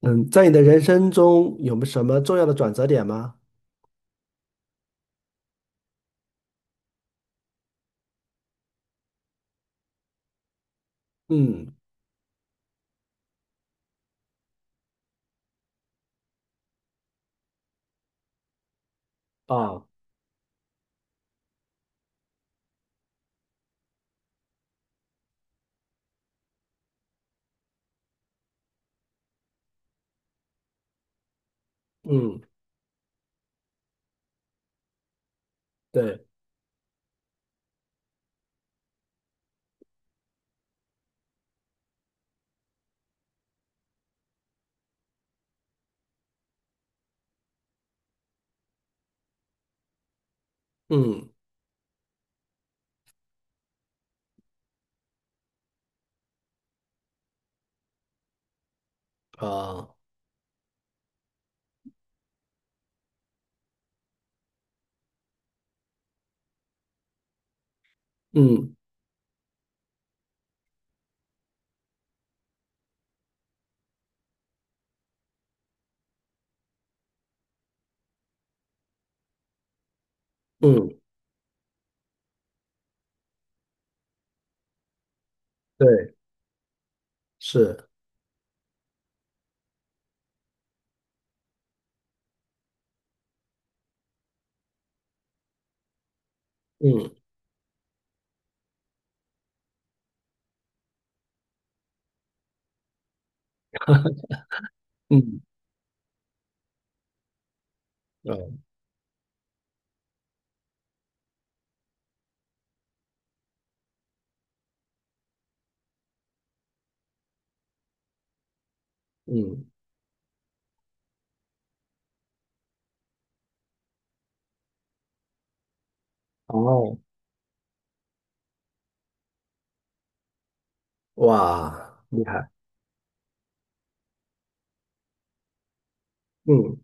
嗯，在你的人生中有没有什么重要的转折点吗？嗯啊，嗯，对，嗯啊，嗯嗯，对，是，嗯嗯啊嗯，哦，哇，厉害，嗯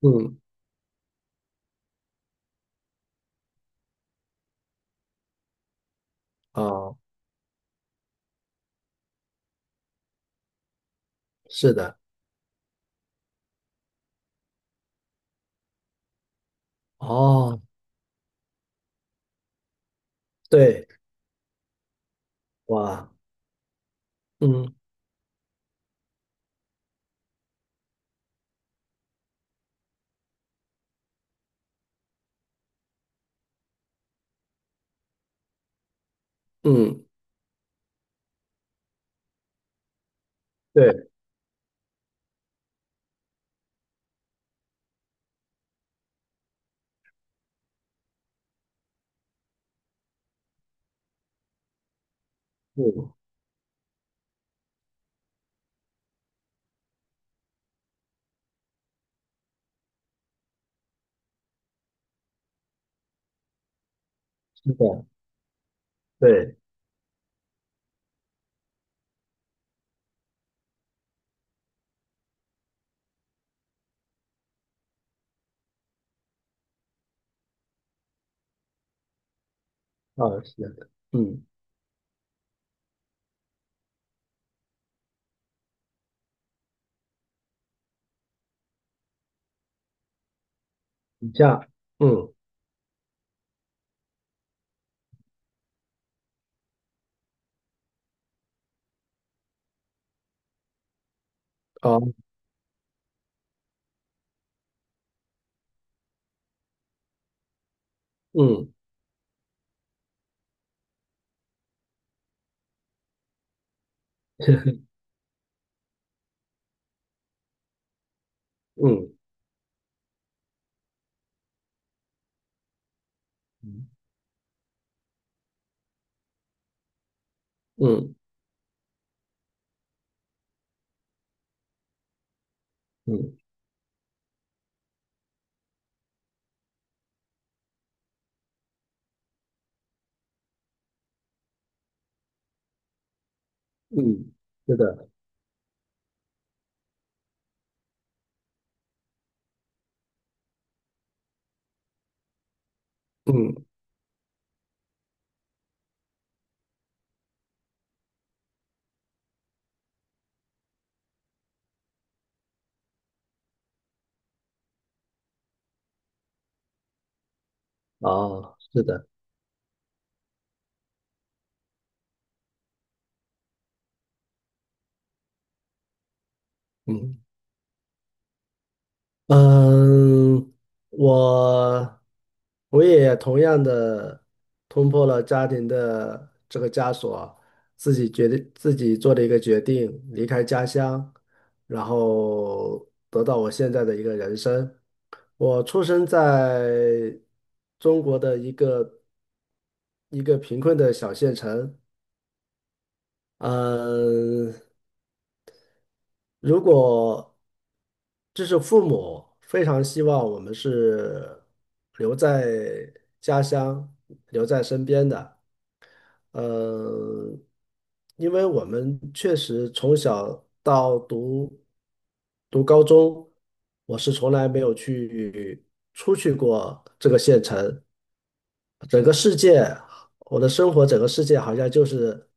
嗯啊，是的，哦，对，哇，嗯嗯，对，嗯，是的，对，啊，是的，嗯，这样，嗯啊，嗯 嗯嗯嗯嗯，是的，嗯。哦，是的，嗯嗯，我我也同样的冲破了家庭的这个枷锁，自己决定自己做了一个决定，离开家乡，然后得到我现在的一个人生。我出生在中国的一个贫困的小县城，嗯。如果这是父母非常希望我们是留在家乡、留在身边的，呃，因为我们确实从小到读高中，我是从来没有去出去过这个县城，整个世界，我的生活整个世界好像就是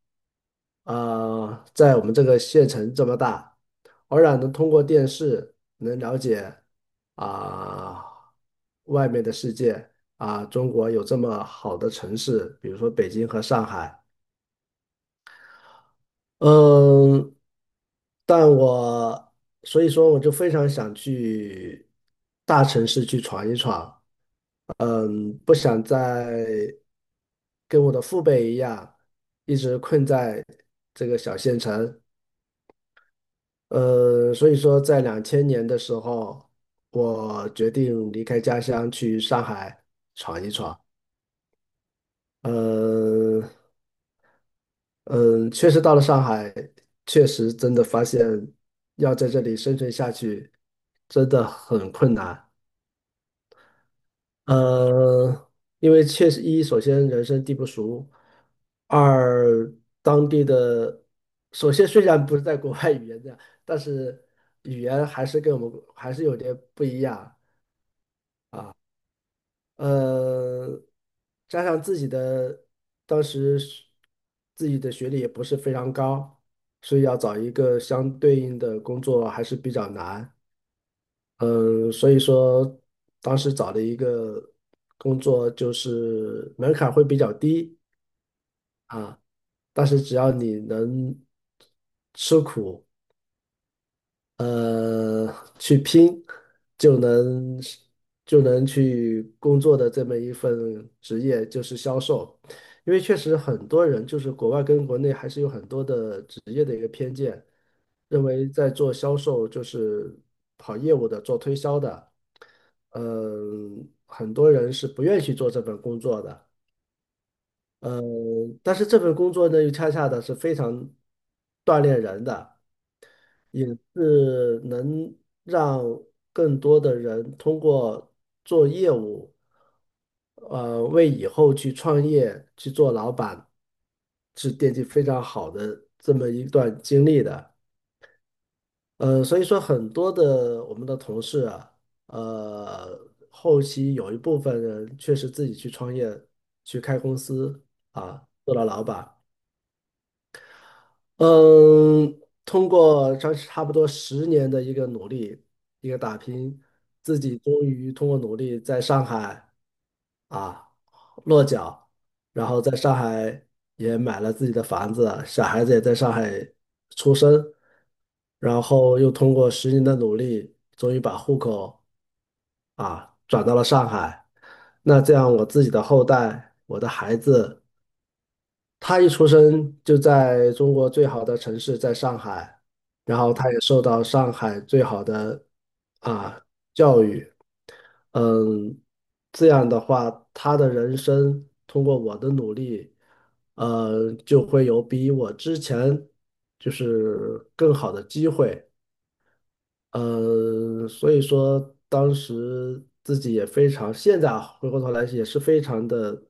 啊、在我们这个县城这么大，偶然能通过电视能了解啊、外面的世界啊、中国有这么好的城市，比如说北京和上海，嗯，但我所以说我就非常想去大城市去闯一闯。嗯，不想再跟我的父辈一样，一直困在这个小县城。所以说在2000年的时候，我决定离开家乡去上海闯一闯。嗯，嗯，确实到了上海，确实真的发现要在这里生存下去，真的很困难。呃，因为确实一，首先人生地不熟；二，当地的，首先虽然不是在国外语言的，但是语言还是跟我们还是有点不一样。呃，加上自己的当时是自己的学历也不是非常高，所以要找一个相对应的工作还是比较难。嗯，所以说当时找的一个工作就是门槛会比较低啊，但是只要你能吃苦，呃，去拼，就能就能去工作的这么一份职业就是销售，因为确实很多人就是国外跟国内还是有很多的职业的一个偏见，认为在做销售就是跑业务的、做推销的，嗯，很多人是不愿意去做这份工作的，嗯，但是这份工作呢，又恰恰的是非常锻炼人的，也是能让更多的人通过做业务，为以后去创业、去做老板，是奠定非常好的这么一段经历的。所以说很多的我们的同事啊，呃，后期有一部分人确实自己去创业，去开公司啊，做了老板，嗯，通过差不多十年的一个努力，一个打拼，自己终于通过努力在上海啊落脚，然后在上海也买了自己的房子，小孩子也在上海出生，然后又通过十年的努力，终于把户口啊转到了上海。那这样我自己的后代，我的孩子。他一出生就在中国最好的城市，在上海，然后他也受到上海最好的啊教育，嗯，这样的话，他的人生通过我的努力，就会有比我之前就是更好的机会。所以说当时自己也非常，现在啊回过头来也是非常的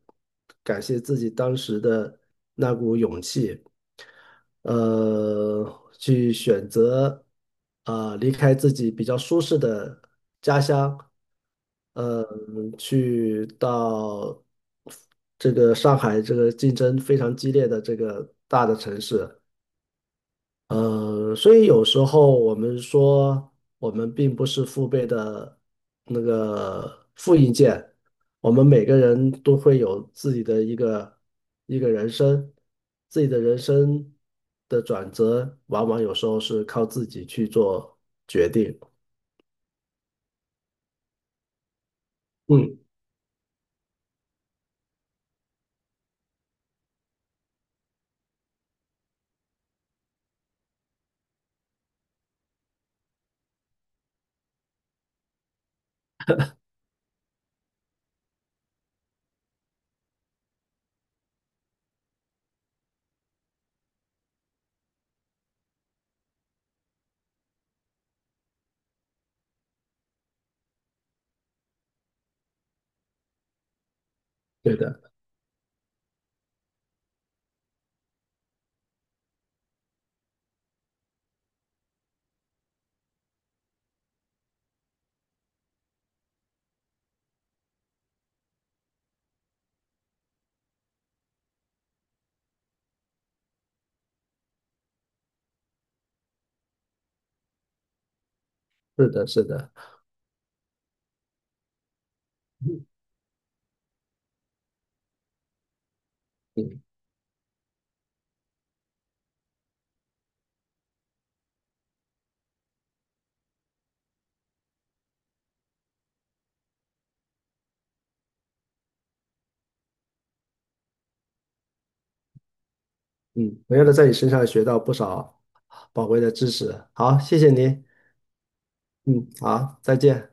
感谢自己当时的那股勇气，呃，去选择啊、离开自己比较舒适的家乡，呃，去到这个上海这个竞争非常激烈的这个。所以有时候我们说，我们并不是父辈的那个复印件，我们每个人都会有自己的一个人生，自己的人生的转折，往往有时候是靠自己去做决定。嗯，对的，是的，是的，嗯嗯，嗯，同样的，在你身上学到不少宝贵的知识。好，谢谢您。嗯，好，再见。